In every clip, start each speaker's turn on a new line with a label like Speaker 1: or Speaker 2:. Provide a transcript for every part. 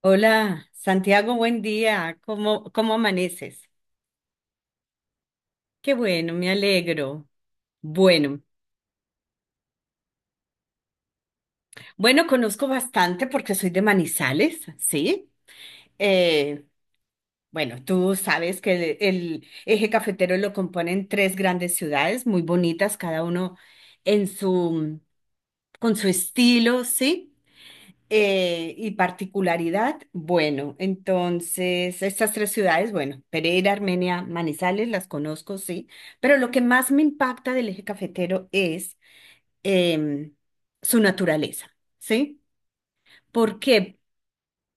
Speaker 1: Hola, Santiago, buen día. ¿Cómo amaneces? Qué bueno, me alegro. Bueno, bueno, conozco bastante porque soy de Manizales, ¿sí? Eh, bueno, tú sabes que el eje cafetero lo componen tres grandes ciudades muy bonitas, cada uno en su, con su estilo, ¿sí? Y particularidad, bueno, entonces estas tres ciudades, bueno, Pereira, Armenia, Manizales, las conozco, sí, pero lo que más me impacta del eje cafetero es em, su naturaleza, ¿sí? Porque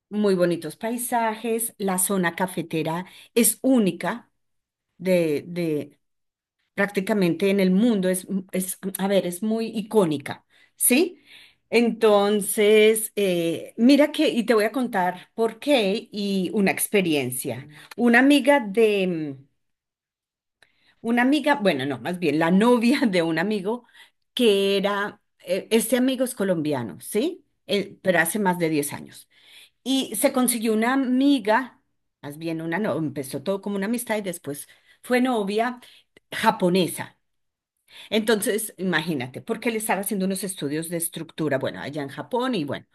Speaker 1: muy bonitos paisajes, la zona cafetera es única de prácticamente en el mundo es, a ver, es muy icónica, ¿sí? Entonces, mira que, y te voy a contar por qué y una experiencia. Una amiga de, mm, una amiga, bueno, no, más bien la novia de un amigo este amigo es colombiano, ¿sí? Pero hace más de 10 años. Y se consiguió una amiga, más bien una, no, empezó todo como una amistad y después fue novia japonesa. Entonces, imagínate, porque él estaba haciendo unos estudios de estructura, bueno, allá en Japón, y bueno,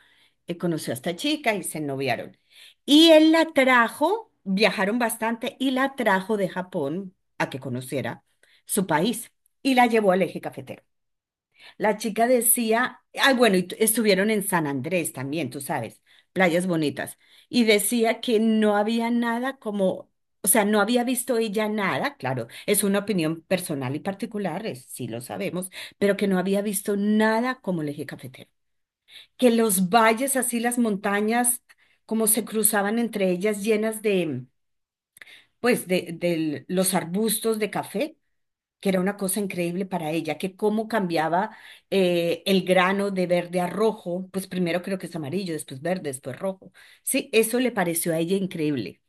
Speaker 1: conoció a esta chica y se noviaron. Y él la trajo, viajaron bastante, y la trajo de Japón a que conociera su país, y la llevó al eje cafetero. La chica decía, ah, bueno, estuvieron en San Andrés también, tú sabes, playas bonitas, y decía que no había nada como, o sea, no había visto ella nada, claro, es una opinión personal y particular, sí lo sabemos, pero que no había visto nada como el eje cafetero. Que los valles, así las montañas, como se cruzaban entre ellas llenas de los arbustos de café que era una cosa increíble para ella, que cómo cambiaba el grano de verde a rojo, pues primero creo que es amarillo, después verde, después rojo. Sí, eso le pareció a ella increíble,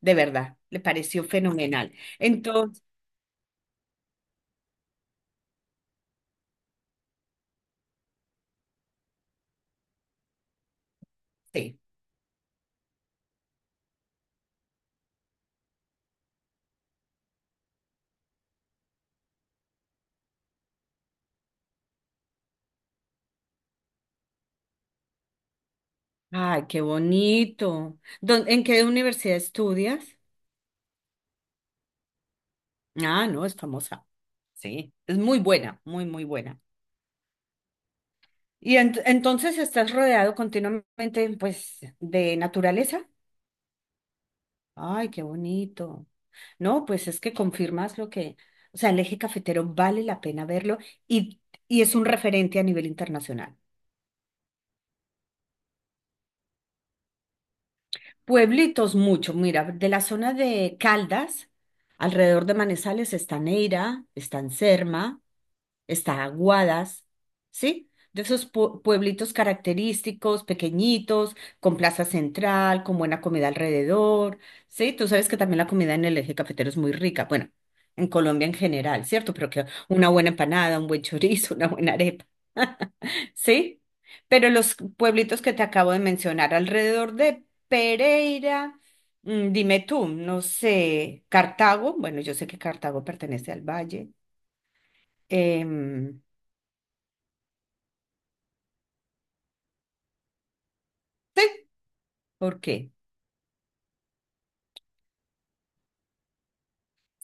Speaker 1: de verdad, le pareció fenomenal. Entonces, sí. Ay, qué bonito. ¿En qué universidad estudias? Ah, no, es famosa. Sí, es muy buena, muy, muy buena. Y entonces estás rodeado continuamente, pues, de naturaleza. Ay, qué bonito. No, pues es que confirmas lo que, o sea, el eje cafetero vale la pena verlo y, y es un referente a nivel internacional. Pueblitos mucho, mira, de la zona de Caldas, alrededor de Manizales está Neira, está Anserma, está Aguadas, ¿sí? De esos pueblitos característicos, pequeñitos, con plaza central, con buena comida alrededor, ¿sí? Tú sabes que también la comida en el eje cafetero es muy rica, bueno, en Colombia en general, ¿cierto? Pero que una buena empanada, un buen chorizo, una buena arepa, ¿sí? Pero los pueblitos que te acabo de mencionar alrededor de Pereira, dime tú, no sé, Cartago, bueno, yo sé que Cartago pertenece al valle. em, ¿Por qué?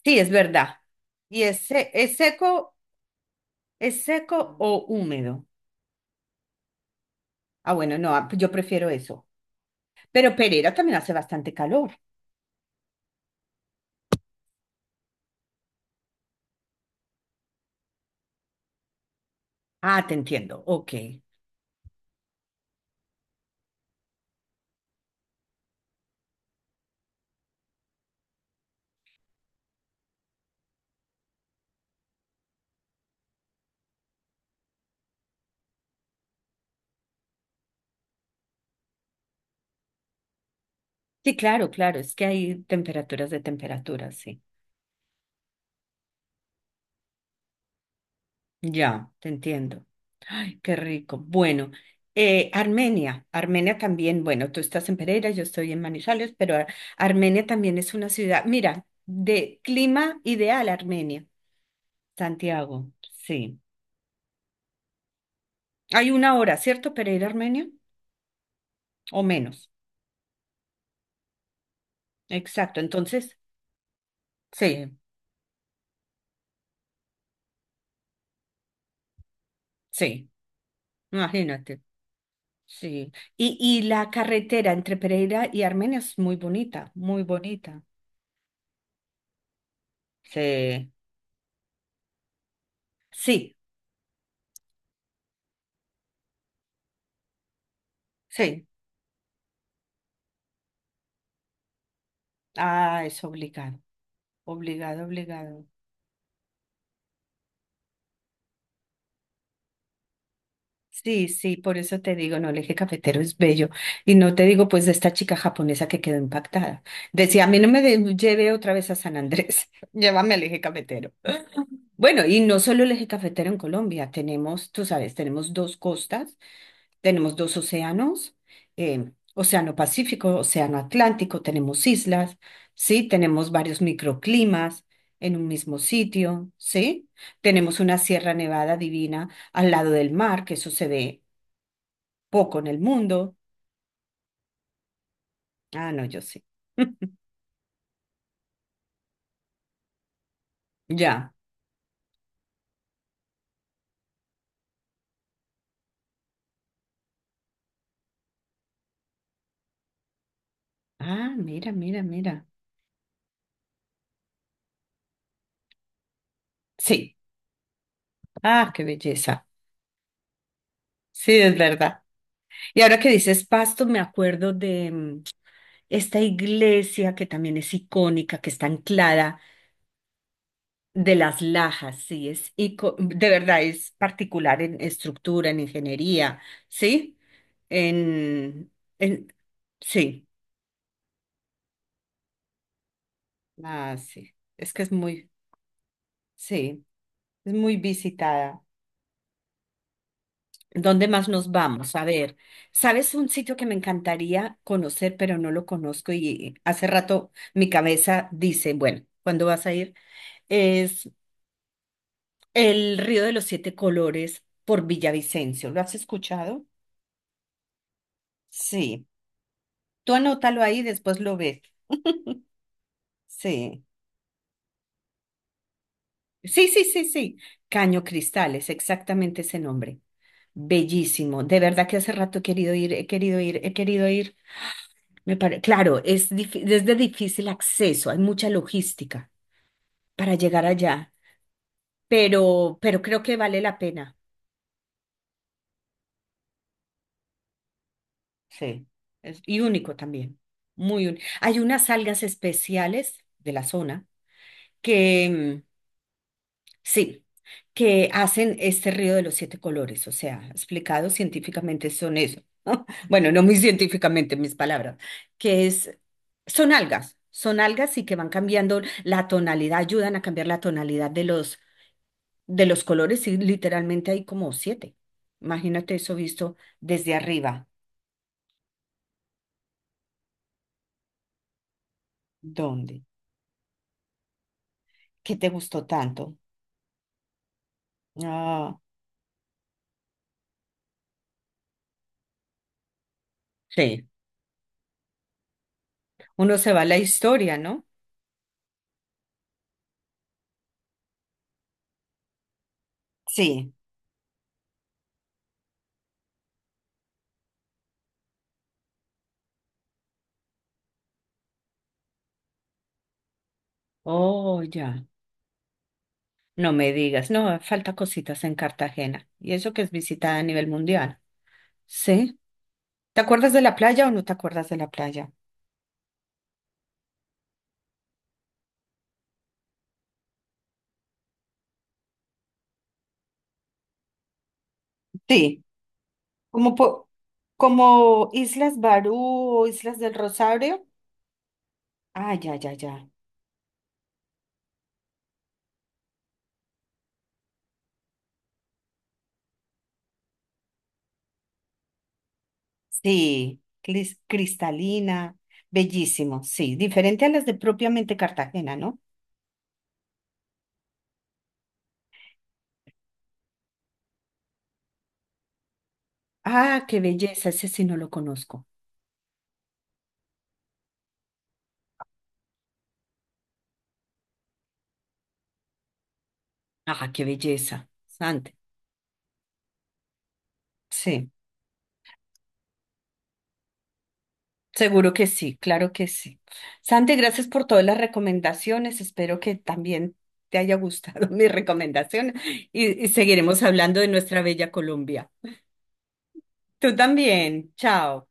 Speaker 1: Sí, es verdad. ¿Y es seco, o húmedo? Ah, bueno, no, ah, yo prefiero eso. Pero Pereira también hace bastante calor. Ah, te entiendo. Ok. Sí, claro, claro. Es que hay temperaturas de temperaturas, sí. Ya, te entiendo. Ay, qué rico. Bueno, Armenia. Armenia también, bueno, tú estás en Pereira, yo estoy en Manizales, pero Armenia también es una ciudad, mira, de clima ideal Armenia, Santiago. Sí. Hay una hora, ¿cierto, para ir a Armenia? O menos. Exacto. Entonces, sí, sí, imagínate. Sí. Y la carretera entre Pereira y Armenia es muy bonita, muy bonita. Sí, sí, sí. Ah, es obligado, obligado, obligado. Sí, sí, por eso te digo, no, el eje cafetero es bello. Y no te digo, pues, de esta chica japonesa que quedó impactada. Decía, a mí no me de- lleve otra vez a San Andrés, llévame al eje cafetero. Bueno, y no solo el eje cafetero en Colombia, tenemos, tú sabes, tenemos dos costas, tenemos dos océanos, Océano Pacífico, Océano Atlántico, tenemos islas, ¿sí? Tenemos varios microclimas en un mismo sitio, ¿sí? Tenemos una Sierra Nevada divina al lado del mar, que eso se ve poco en el mundo. Ah, no, yo sí. Ya. Ah, mira, mira, mira. Sí. Ah, qué belleza. Sí, es verdad. Y ahora que dices Pasto, me acuerdo de esta iglesia que también es icónica, que está anclada de las Lajas, sí, de verdad es particular en estructura, en ingeniería, ¿sí? En, en sí, ah, sí, es que es muy, sí, es muy visitada. ¿Dónde más nos vamos? A ver, ¿sabes un sitio que me encantaría conocer, pero no lo conozco y hace rato mi cabeza dice, bueno, ¿cuándo vas a ir? Es el Río de los Siete Colores por Villavicencio. ¿Lo has escuchado? Sí. Tú anótalo ahí y después lo ves. Sí. Sí, sí, sí, sí. Caño Cristales, exactamente ese nombre. Bellísimo. De verdad que hace rato he querido ir, he querido ir, he querido ir. Claro, es de difícil acceso, hay mucha logística para llegar allá, pero creo que vale la pena. Sí, es, y único también. Muy único. Hay unas algas especiales de la zona que, sí, que hacen este río de los siete colores, o sea, explicado científicamente son eso. Bueno, no muy científicamente mis palabras, que es, son algas y que van cambiando la tonalidad, ayudan a cambiar la tonalidad de los colores, sí, literalmente hay como siete. Imagínate eso visto desde arriba. ¿Dónde? ¿Qué te gustó tanto? Ah, sí. Uno se va a la historia, ¿no? Sí, Oh, ya. No me digas, no, falta cositas en Cartagena. Y eso que es visitada a nivel mundial. Sí. ¿Te acuerdas de la playa o no te acuerdas de la playa? Sí. Como, po- como Islas Barú o Islas del Rosario. Ah, ya, ya, ya. Sí, cristalina, bellísimo, sí, diferente a las de propiamente Cartagena, ¿no? Ah, qué belleza, ese sí no lo conozco. Ah, qué belleza, Sante. Sí, seguro que sí, claro que sí. Sante, gracias por todas las recomendaciones, espero que también te haya gustado mi recomendación y seguiremos hablando de nuestra bella Colombia. Tú también, chao.